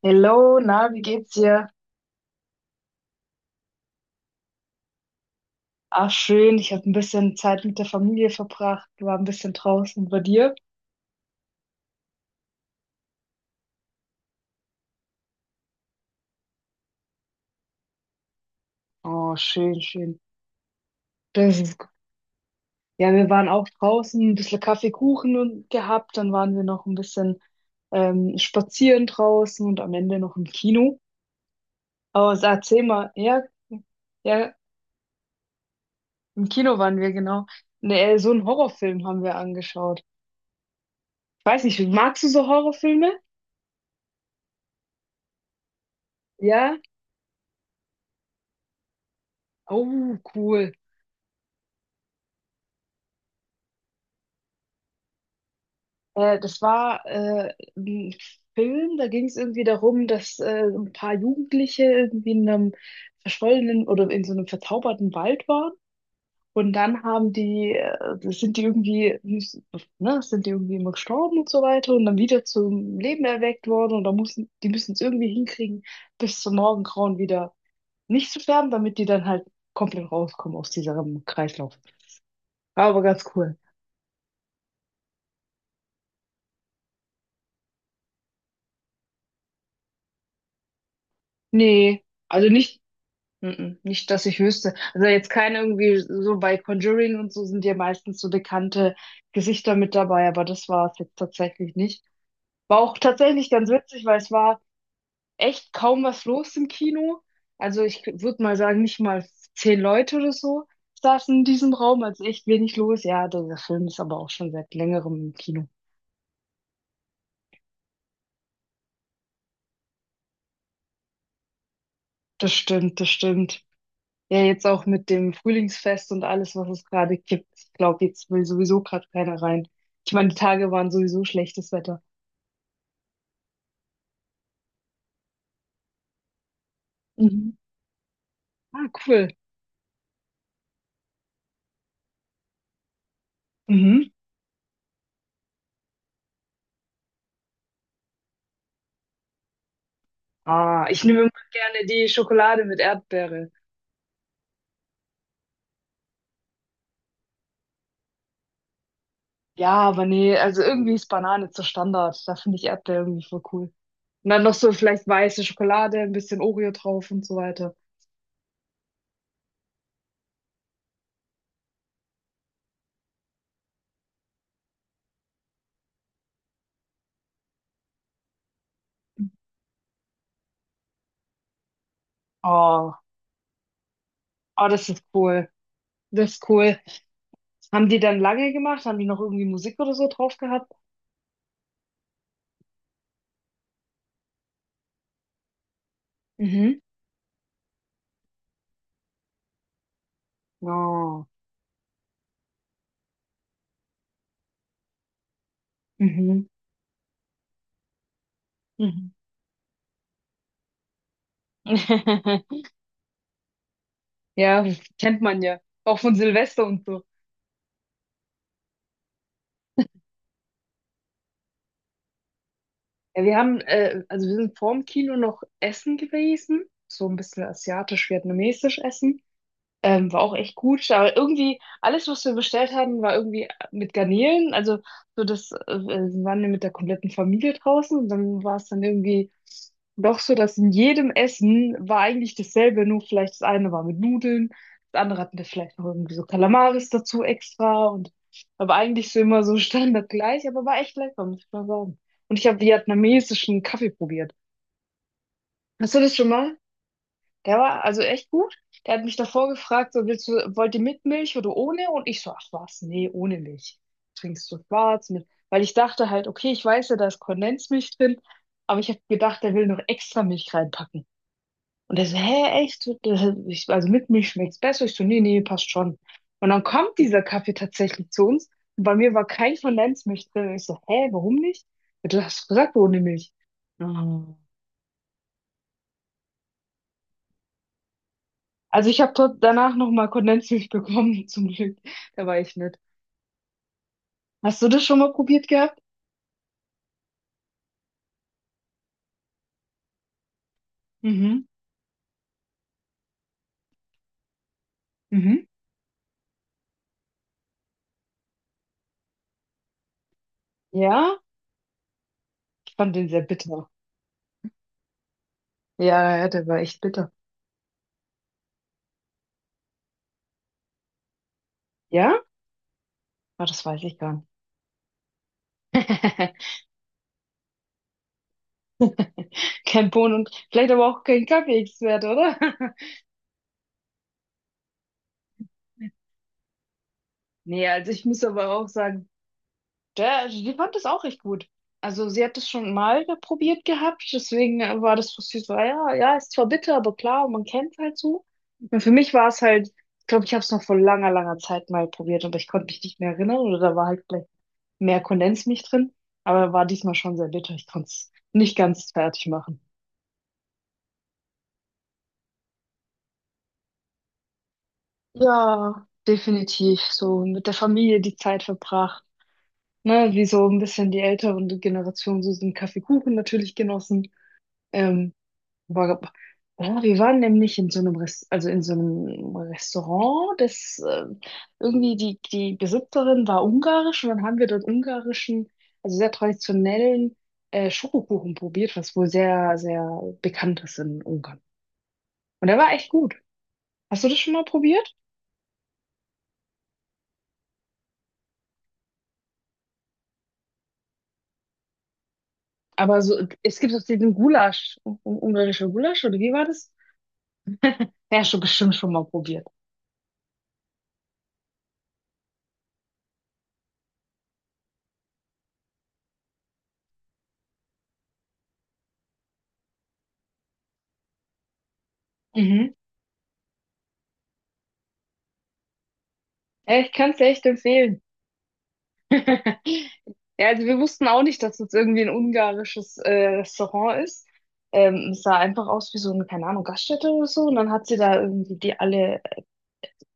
Hello, na, wie geht's dir? Ach, schön, ich habe ein bisschen Zeit mit der Familie verbracht, war ein bisschen draußen bei dir. Oh, schön, schön. Das ist gut. Ja, wir waren auch draußen, ein bisschen Kaffeekuchen und gehabt, dann waren wir noch ein bisschen spazieren draußen und am Ende noch im Kino. Aber sag, erzähl mal, ja, ja, im Kino waren wir genau. Ne, so einen Horrorfilm haben wir angeschaut. Ich weiß nicht, magst du so Horrorfilme? Ja? Oh, cool. Das war ein Film, da ging es irgendwie darum, dass ein paar Jugendliche irgendwie in einem verschollenen oder in so einem verzauberten Wald waren. Und dann haben die, sind die irgendwie, ne, sind die irgendwie immer gestorben und so weiter und dann wieder zum Leben erweckt worden. Und da müssen, die müssen es irgendwie hinkriegen, bis zum Morgengrauen wieder nicht zu sterben, damit die dann halt komplett rauskommen aus diesem Kreislauf. War aber ganz cool. Nee, also nicht. Mhm. Nicht, dass ich wüsste. Also jetzt keine irgendwie, so bei Conjuring und so sind ja meistens so bekannte Gesichter mit dabei, aber das war es jetzt tatsächlich nicht. War auch tatsächlich ganz witzig, weil es war echt kaum was los im Kino. Also ich würde mal sagen, nicht mal 10 Leute oder so saßen in diesem Raum, also echt wenig los. Ja, der Film ist aber auch schon seit längerem im Kino. Das stimmt, das stimmt. Ja, jetzt auch mit dem Frühlingsfest und alles, was es gerade gibt. Ich glaube, jetzt will sowieso gerade keiner rein. Ich meine, die Tage waren sowieso schlechtes Wetter. Mhm. Ah, cool. Mhm. Ah, ich nehme immer gerne die Schokolade mit Erdbeere. Ja, aber nee, also irgendwie ist Banane zur Standard. Da finde ich Erdbeere irgendwie voll cool. Und dann noch so vielleicht weiße Schokolade, ein bisschen Oreo drauf und so weiter. Oh, oh, das ist cool. Das ist cool. Haben die dann lange gemacht? Haben die noch irgendwie Musik oder so drauf gehabt? Mhm. Oh. Mhm. Mhm. Ja, kennt man ja. Auch von Silvester und so. Ja, wir haben, also wir sind vorm Kino noch essen gewesen. So ein bisschen asiatisch-vietnamesisch essen. War auch echt gut, aber irgendwie alles, was wir bestellt hatten, war irgendwie mit Garnelen. Also so das waren wir mit der kompletten Familie draußen und dann war es dann irgendwie doch so, dass in jedem Essen war eigentlich dasselbe, nur vielleicht das eine war mit Nudeln, das andere hatten wir vielleicht noch irgendwie so Kalamaris dazu extra und aber eigentlich so immer so standardgleich, aber war echt lecker, muss ich mal sagen. Und ich habe vietnamesischen Kaffee probiert. Hast du das schon mal? Der war also echt gut. Der hat mich davor gefragt, so, willst du, wollt ihr mit Milch oder ohne? Und ich so, ach was, nee, ohne Milch. Trinkst du schwarz mit? Weil ich dachte halt, okay, ich weiß ja, da ist Kondensmilch drin, aber ich habe gedacht, der will noch extra Milch reinpacken. Und er so, hä, echt? Das- ich- Also mit Milch schmeckt's besser. Ich so, nee, nee, passt schon. Und dann kommt dieser Kaffee tatsächlich zu uns. Und bei mir war kein Kondensmilch drin. Und ich so, hä, warum nicht? Ja, du hast gesagt, ohne Milch. Also ich habe dort danach nochmal Kondensmilch bekommen, zum Glück. Da war ich nicht. Hast du das schon mal probiert gehabt? Mhm. Mhm. Ja? Ich fand den sehr bitter. Ja, ja, der war echt bitter. Ja? Ah, das weiß ich gar nicht. Kein Bohnen und vielleicht aber auch kein Kaffee-Expert, oder? Nee, also ich muss aber auch sagen, der, die fand das auch recht gut. Also sie hat das schon mal probiert gehabt, deswegen war das für sie so, ja, ja, ist zwar bitter, aber klar, man kennt es halt so. Und für mich war es halt, ich glaube, ich habe es noch vor langer, langer Zeit mal probiert, aber ich konnte mich nicht mehr erinnern oder da war halt vielleicht mehr Kondensmilch drin, aber war diesmal schon sehr bitter. Ich konnte es nicht ganz fertig machen. Ja, definitiv. So mit der Familie die Zeit verbracht. Ne, wie so ein bisschen die älteren Generationen so den Kaffeekuchen natürlich genossen. Ähm, Boah, ja, wir waren nämlich in so einem Rest, also in so einem Restaurant, das irgendwie die Besitzerin war ungarisch und dann haben wir dort ungarischen, also sehr traditionellen Schokokuchen probiert, was wohl sehr, sehr bekannt ist in Ungarn. Und der war echt gut. Hast du das schon mal probiert? Aber so, es gibt auch diesen Gulasch, un- ungarischer Gulasch, oder wie war das? Ja, schon bestimmt schon mal probiert. Mhm. Ja, ich kann es dir echt empfehlen. Ja, also wir wussten auch nicht, dass es irgendwie ein ungarisches Restaurant ist. Es sah einfach aus wie so eine, keine Ahnung, Gaststätte oder so. Und dann hat sie da irgendwie die alle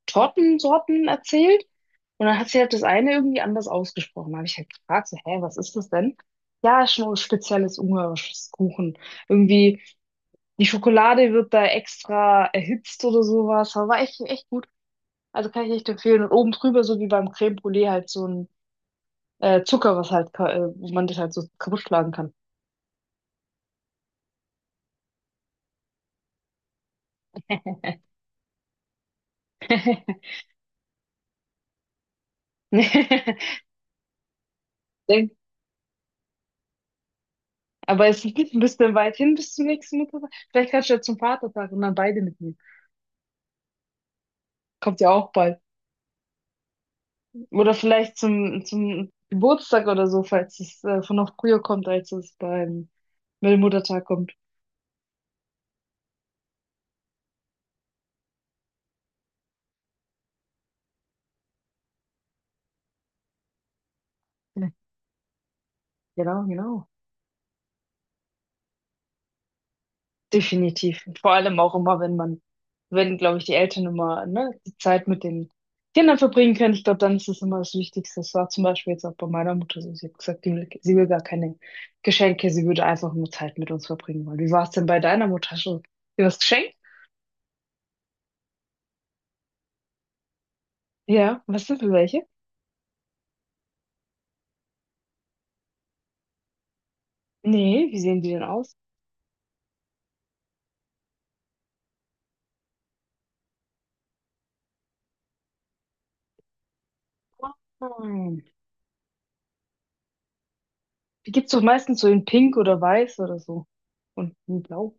Tortensorten erzählt. Und dann hat sie halt das eine irgendwie anders ausgesprochen. Da habe ich halt gefragt, so, hä, was ist das denn? Ja, ist schon ein spezielles ungarisches Kuchen. Irgendwie die Schokolade wird da extra erhitzt oder sowas. Aber war echt, echt gut. Also kann ich echt empfehlen. Und oben drüber, so wie beim Creme Brûlée, halt so ein Zucker, was halt, ka- wo man das halt so kaputt schlagen kann. Denk- Aber es geht ein bisschen weit hin bis zum nächsten Muttertag. Vielleicht kannst du ja zum Vatertag und dann beide mitnehmen. Kommt ja auch bald. Oder vielleicht zum, zum Geburtstag oder so, falls es von noch früher kommt, als es beim, beim Muttertag kommt. Ja, genau, genau. Definitiv. Vor allem auch immer, wenn man, wenn, glaube ich, die Eltern immer, ne, die Zeit mit den Kindern verbringen können. Ich glaube, dann ist das immer das Wichtigste. Das war zum Beispiel jetzt auch bei meiner Mutter so. Sie hat gesagt, die will, sie will gar keine Geschenke, sie würde einfach nur Zeit mit uns verbringen wollen. Wie war es denn bei deiner Mutter schon? Dir was geschenkt? Ja, was sind für welche? Nee, wie sehen die denn aus? Nein. Die gibt's doch meistens so in Pink oder Weiß oder so. Und in Blau.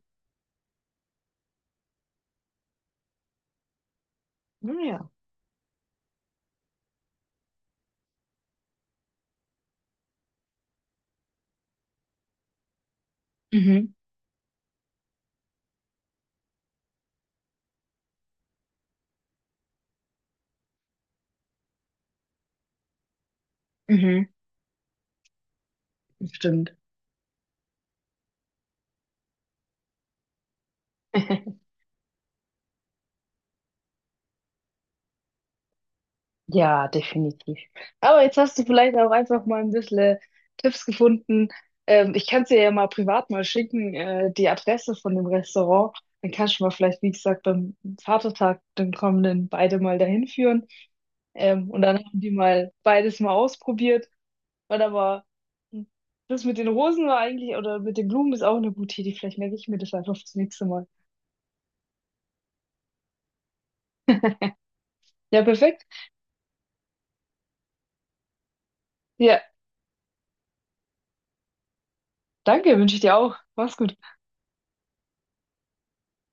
Naja. Mhm, mhm, stimmt. Ja, definitiv. Aber jetzt hast du vielleicht auch einfach mal ein bisschen Tipps gefunden. Ich kann es dir ja mal privat mal schicken, die Adresse von dem Restaurant. Dann kannst du mal vielleicht, wie gesagt, beim Vatertag, dem kommenden, beide mal dahin führen. Und dann haben die mal beides mal ausprobiert. Weil aber das mit den Rosen war eigentlich, oder mit den Blumen ist auch eine gute Idee. Vielleicht merke ich mir das einfach fürs nächste Mal. Ja, perfekt. Ja, danke, wünsche ich dir auch. Mach's gut.